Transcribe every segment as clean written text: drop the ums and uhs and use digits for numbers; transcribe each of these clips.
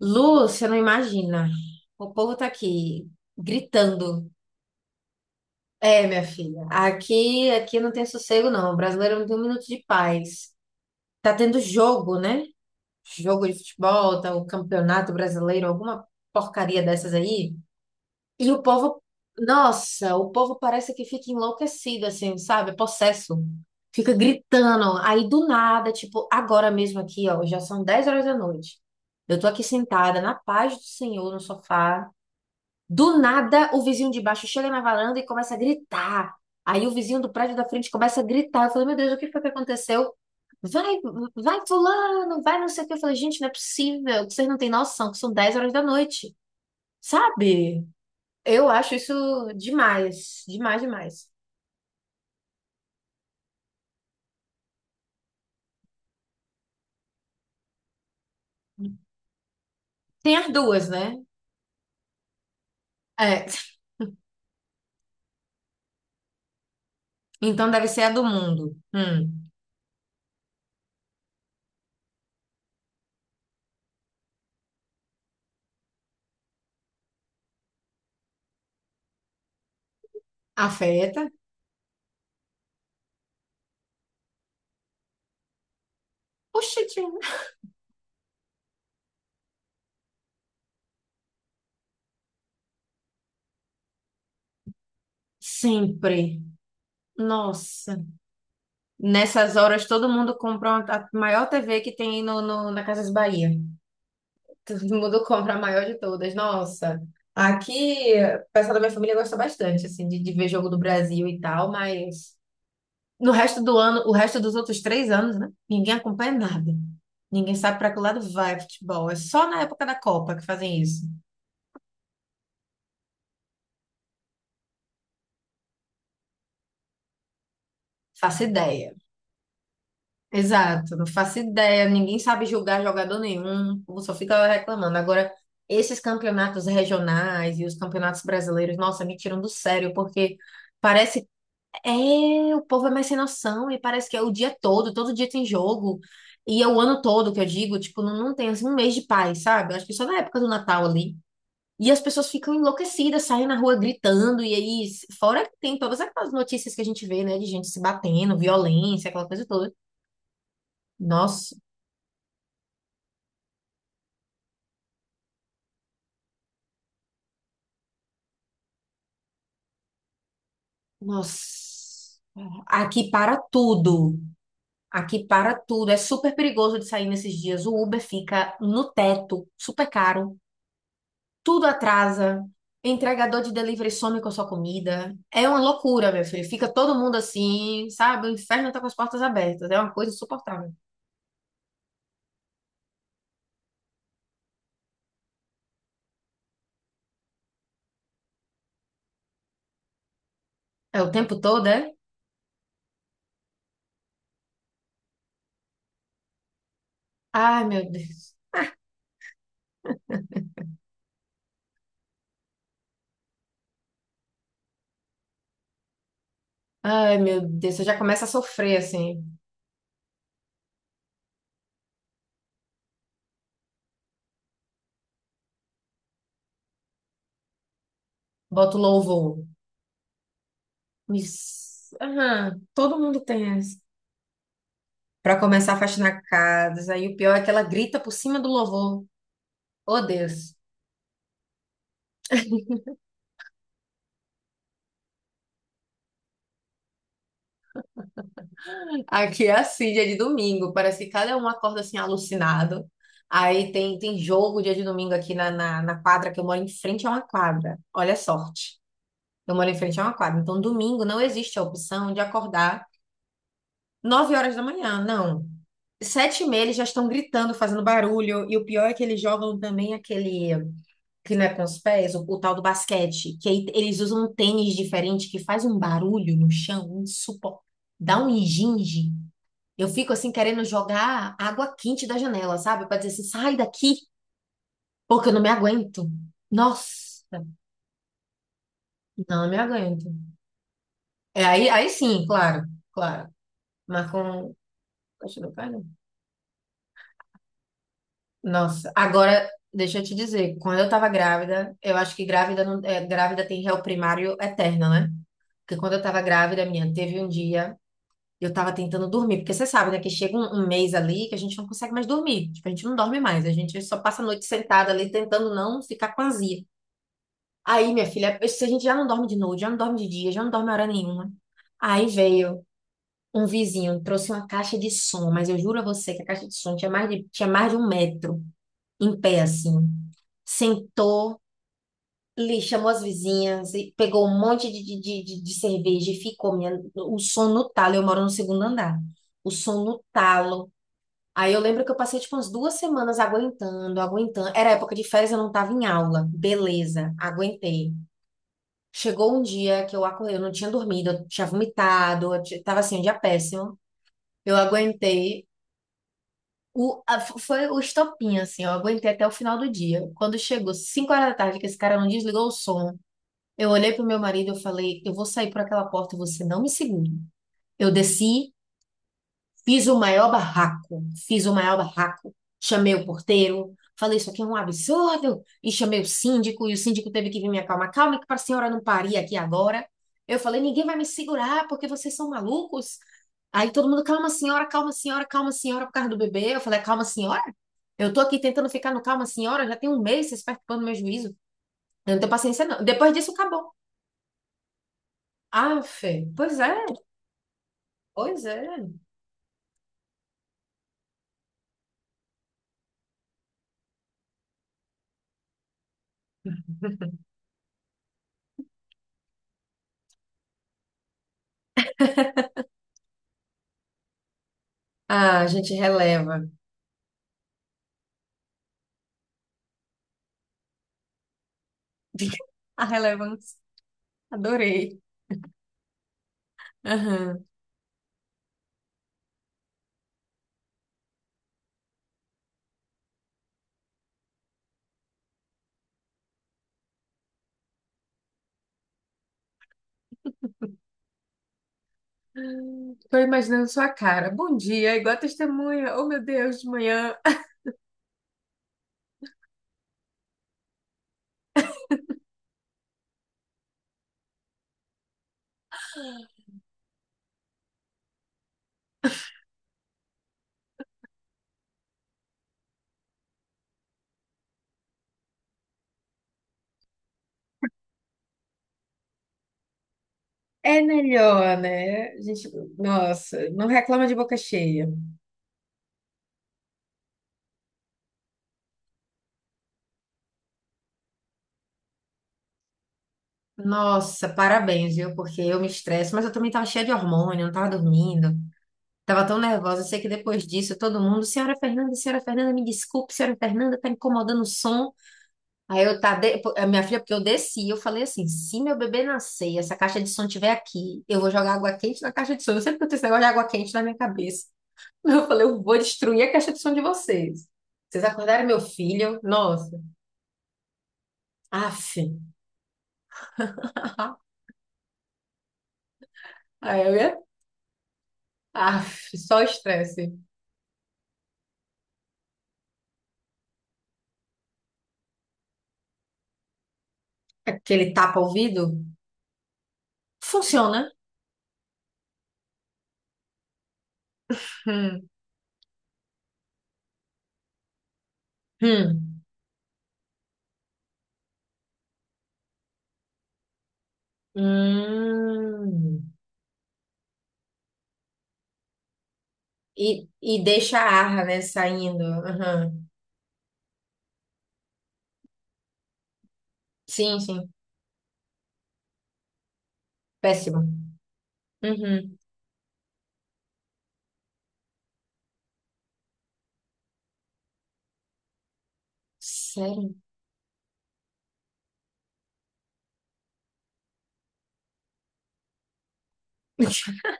Lu, você não imagina. O povo tá aqui gritando. É, minha filha. Aqui não tem sossego, não. O brasileiro não tem um minuto de paz. Tá tendo jogo, né? Jogo de futebol, tá o Campeonato Brasileiro, alguma porcaria dessas aí. E o povo, nossa, o povo parece que fica enlouquecido, assim, sabe? É possesso. Fica gritando. Aí do nada, tipo, agora mesmo aqui, ó, já são 10 horas da noite. Eu tô aqui sentada na paz do Senhor no sofá. Do nada, o vizinho de baixo chega na varanda e começa a gritar. Aí o vizinho do prédio da frente começa a gritar. Eu falei, meu Deus, o que foi que aconteceu? Vai, vai fulano, vai não sei o que. Eu falei, gente, não é possível, que vocês não têm noção, que são 10 horas da noite, sabe? Eu acho isso demais, demais, demais. Tem as duas, né? É, então deve ser a do mundo. Afeta. Oxente, sempre. Nossa. Nessas horas, todo mundo compra a maior TV que tem na Casas Bahia. Todo mundo compra a maior de todas. Nossa, aqui o pessoal da minha família gosta bastante, assim, de ver jogo do Brasil e tal, mas no resto do ano, o resto dos outros 3 anos, né? Ninguém acompanha nada. Ninguém sabe para que lado vai o futebol. É só na época da Copa que fazem isso. Faço ideia. Exato, não faço ideia, ninguém sabe julgar jogador nenhum, o povo só fica reclamando. Agora, esses campeonatos regionais e os campeonatos brasileiros, nossa, me tiram do sério, porque parece, é, o povo é mais sem noção e parece que é o dia todo, todo dia tem jogo, e é o ano todo que eu digo, tipo, não, não tem assim um mês de paz, sabe? Eu acho que só na época do Natal ali. E as pessoas ficam enlouquecidas, saem na rua gritando, e aí, fora que tem todas aquelas notícias que a gente vê, né, de gente se batendo, violência, aquela coisa toda. Nossa. Nossa, aqui para tudo. Aqui para tudo. É super perigoso de sair nesses dias. O Uber fica no teto, super caro. Tudo atrasa. Entregador de delivery some com a sua comida. É uma loucura, meu filho. Fica todo mundo assim, sabe? O inferno tá com as portas abertas. É uma coisa insuportável. É o tempo todo, é? Ai, meu Deus. Ai, meu Deus. Eu já começo a sofrer, assim. Boto louvor. Isso. Aham. Todo mundo tem essa. Para começar a faxinar casas. Aí o pior é que ela grita por cima do louvor. Oh, Deus. Aqui é assim, dia de domingo. Parece que cada um acorda assim, alucinado. Aí tem, tem jogo dia de domingo aqui na quadra, que eu moro em frente a uma quadra. Olha a sorte. Eu moro em frente a uma quadra. Então, domingo não existe a opção de acordar 9 horas da manhã. Não. 7:30 eles já estão gritando, fazendo barulho. E o pior é que eles jogam também aquele, que não é com os pés, o tal do basquete, que aí eles usam um tênis diferente que faz um barulho no chão, insuportável. Dá um ginge. Eu fico assim querendo jogar água quente da janela, sabe? Pra dizer assim, sai daqui, porque eu não me aguento. Nossa, não, não me aguento. É, aí sim, claro, claro. Mas com. Poxa, meu pai não. Nossa, agora, deixa eu te dizer, quando eu tava grávida, eu acho que grávida, não, é, grávida tem réu primário eterno, né? Porque quando eu tava grávida, minha, teve um dia. Eu tava tentando dormir, porque você sabe, né, que chega um, mês ali que a gente não consegue mais dormir. Tipo, a gente não dorme mais, a gente só passa a noite sentada ali tentando não ficar com azia. Aí, minha filha, se a gente já não dorme de noite, já não dorme de dia, já não dorme hora nenhuma. Aí veio um vizinho, trouxe uma caixa de som, mas eu juro a você que a caixa de som tinha mais de um metro em pé, assim. Sentou, li, chamou as vizinhas, e pegou um monte de cerveja e ficou minha, o som no talo. Eu moro no segundo andar. O som no talo. Aí eu lembro que eu passei tipo umas 2 semanas aguentando, aguentando. Era época de férias, eu não tava em aula. Beleza, aguentei. Chegou um dia que eu acordei, eu não tinha dormido, eu tinha vomitado, eu tava assim, um dia péssimo. Eu aguentei. Foi o estopim, assim, eu aguentei até o final do dia. Quando chegou 5 horas da tarde, que esse cara não desligou o som, eu olhei pro meu marido e eu falei, eu vou sair por aquela porta e você não me segura. Eu desci. Fiz o maior barraco, fiz o maior barraco. Chamei o porteiro, falei isso aqui é um absurdo, e chamei o síndico, e o síndico teve que vir me acalmar. Calma que para a senhora não parir aqui agora. Eu falei, ninguém vai me segurar, porque vocês são malucos. Aí todo mundo, calma senhora, calma senhora, calma senhora, por causa do bebê. Eu falei, "É calma senhora? Eu tô aqui tentando ficar no calma senhora, já tem um mês vocês perturbando meu juízo. Eu não tenho paciência não. Depois disso, acabou. Ah, Fê, pois é, pois é. Ah, a gente releva. A relevância. Adorei. Aham. Tô imaginando sua cara. Bom dia, igual a testemunha. Oh, meu Deus, de manhã. É melhor, né? A gente, nossa, não reclama de boca cheia. Nossa, parabéns, viu? Porque eu me estresso, mas eu também tava cheia de hormônio, não tava dormindo. Tava tão nervosa. Eu sei que depois disso, todo mundo, senhora Fernanda, me desculpe, senhora Fernanda, tá incomodando o som. Aí eu tá, a minha filha, porque eu desci, eu falei assim, se meu bebê nascer, e essa caixa de som tiver aqui, eu vou jogar água quente na caixa de som. Eu sempre que eu tenho esse negócio de água quente na minha cabeça. Eu falei, eu vou destruir a caixa de som de vocês. Vocês acordaram meu filho? Nossa. Af. Aí eu ia, af, só estresse. Aquele tapa-ouvido? Funciona. Hum, hum, hum. E deixa a arra, né, saindo. Aham. Sim, sim. Péssimo. Uhum. Sério?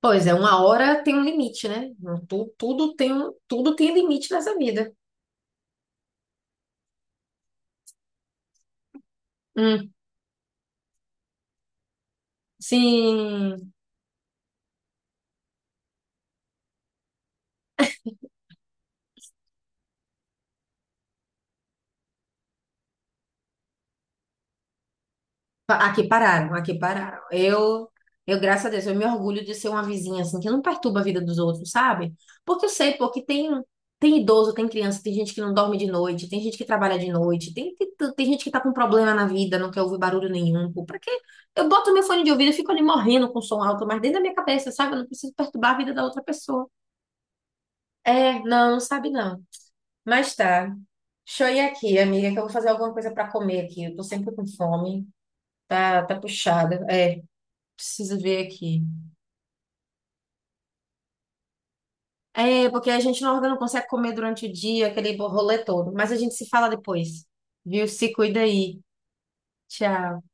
Pois é, uma hora tem um limite, né? Tudo, tudo tem um, tudo tem limite nessa vida. Hum, sim, aqui pararam, aqui pararam. Eu, graças a Deus, eu me orgulho de ser uma vizinha assim que não perturba a vida dos outros, sabe? Porque eu sei, porque tem, tem idoso, tem criança, tem gente que não dorme de noite, tem gente que trabalha de noite, tem tem, tem gente que tá com problema na vida, não quer ouvir barulho nenhum. Pô, pra quê? Eu boto meu fone de ouvido e fico ali morrendo com som alto, mas dentro da minha cabeça, sabe? Eu não preciso perturbar a vida da outra pessoa. É, não, não sabe não. Mas tá. Deixa eu ir aqui, amiga, que eu vou fazer alguma coisa pra comer aqui. Eu tô sempre com fome. Tá, tá puxada. É, preciso ver aqui. É, porque a gente não consegue comer durante o dia, aquele rolê todo. Mas a gente se fala depois. Viu? Se cuida aí. Tchau.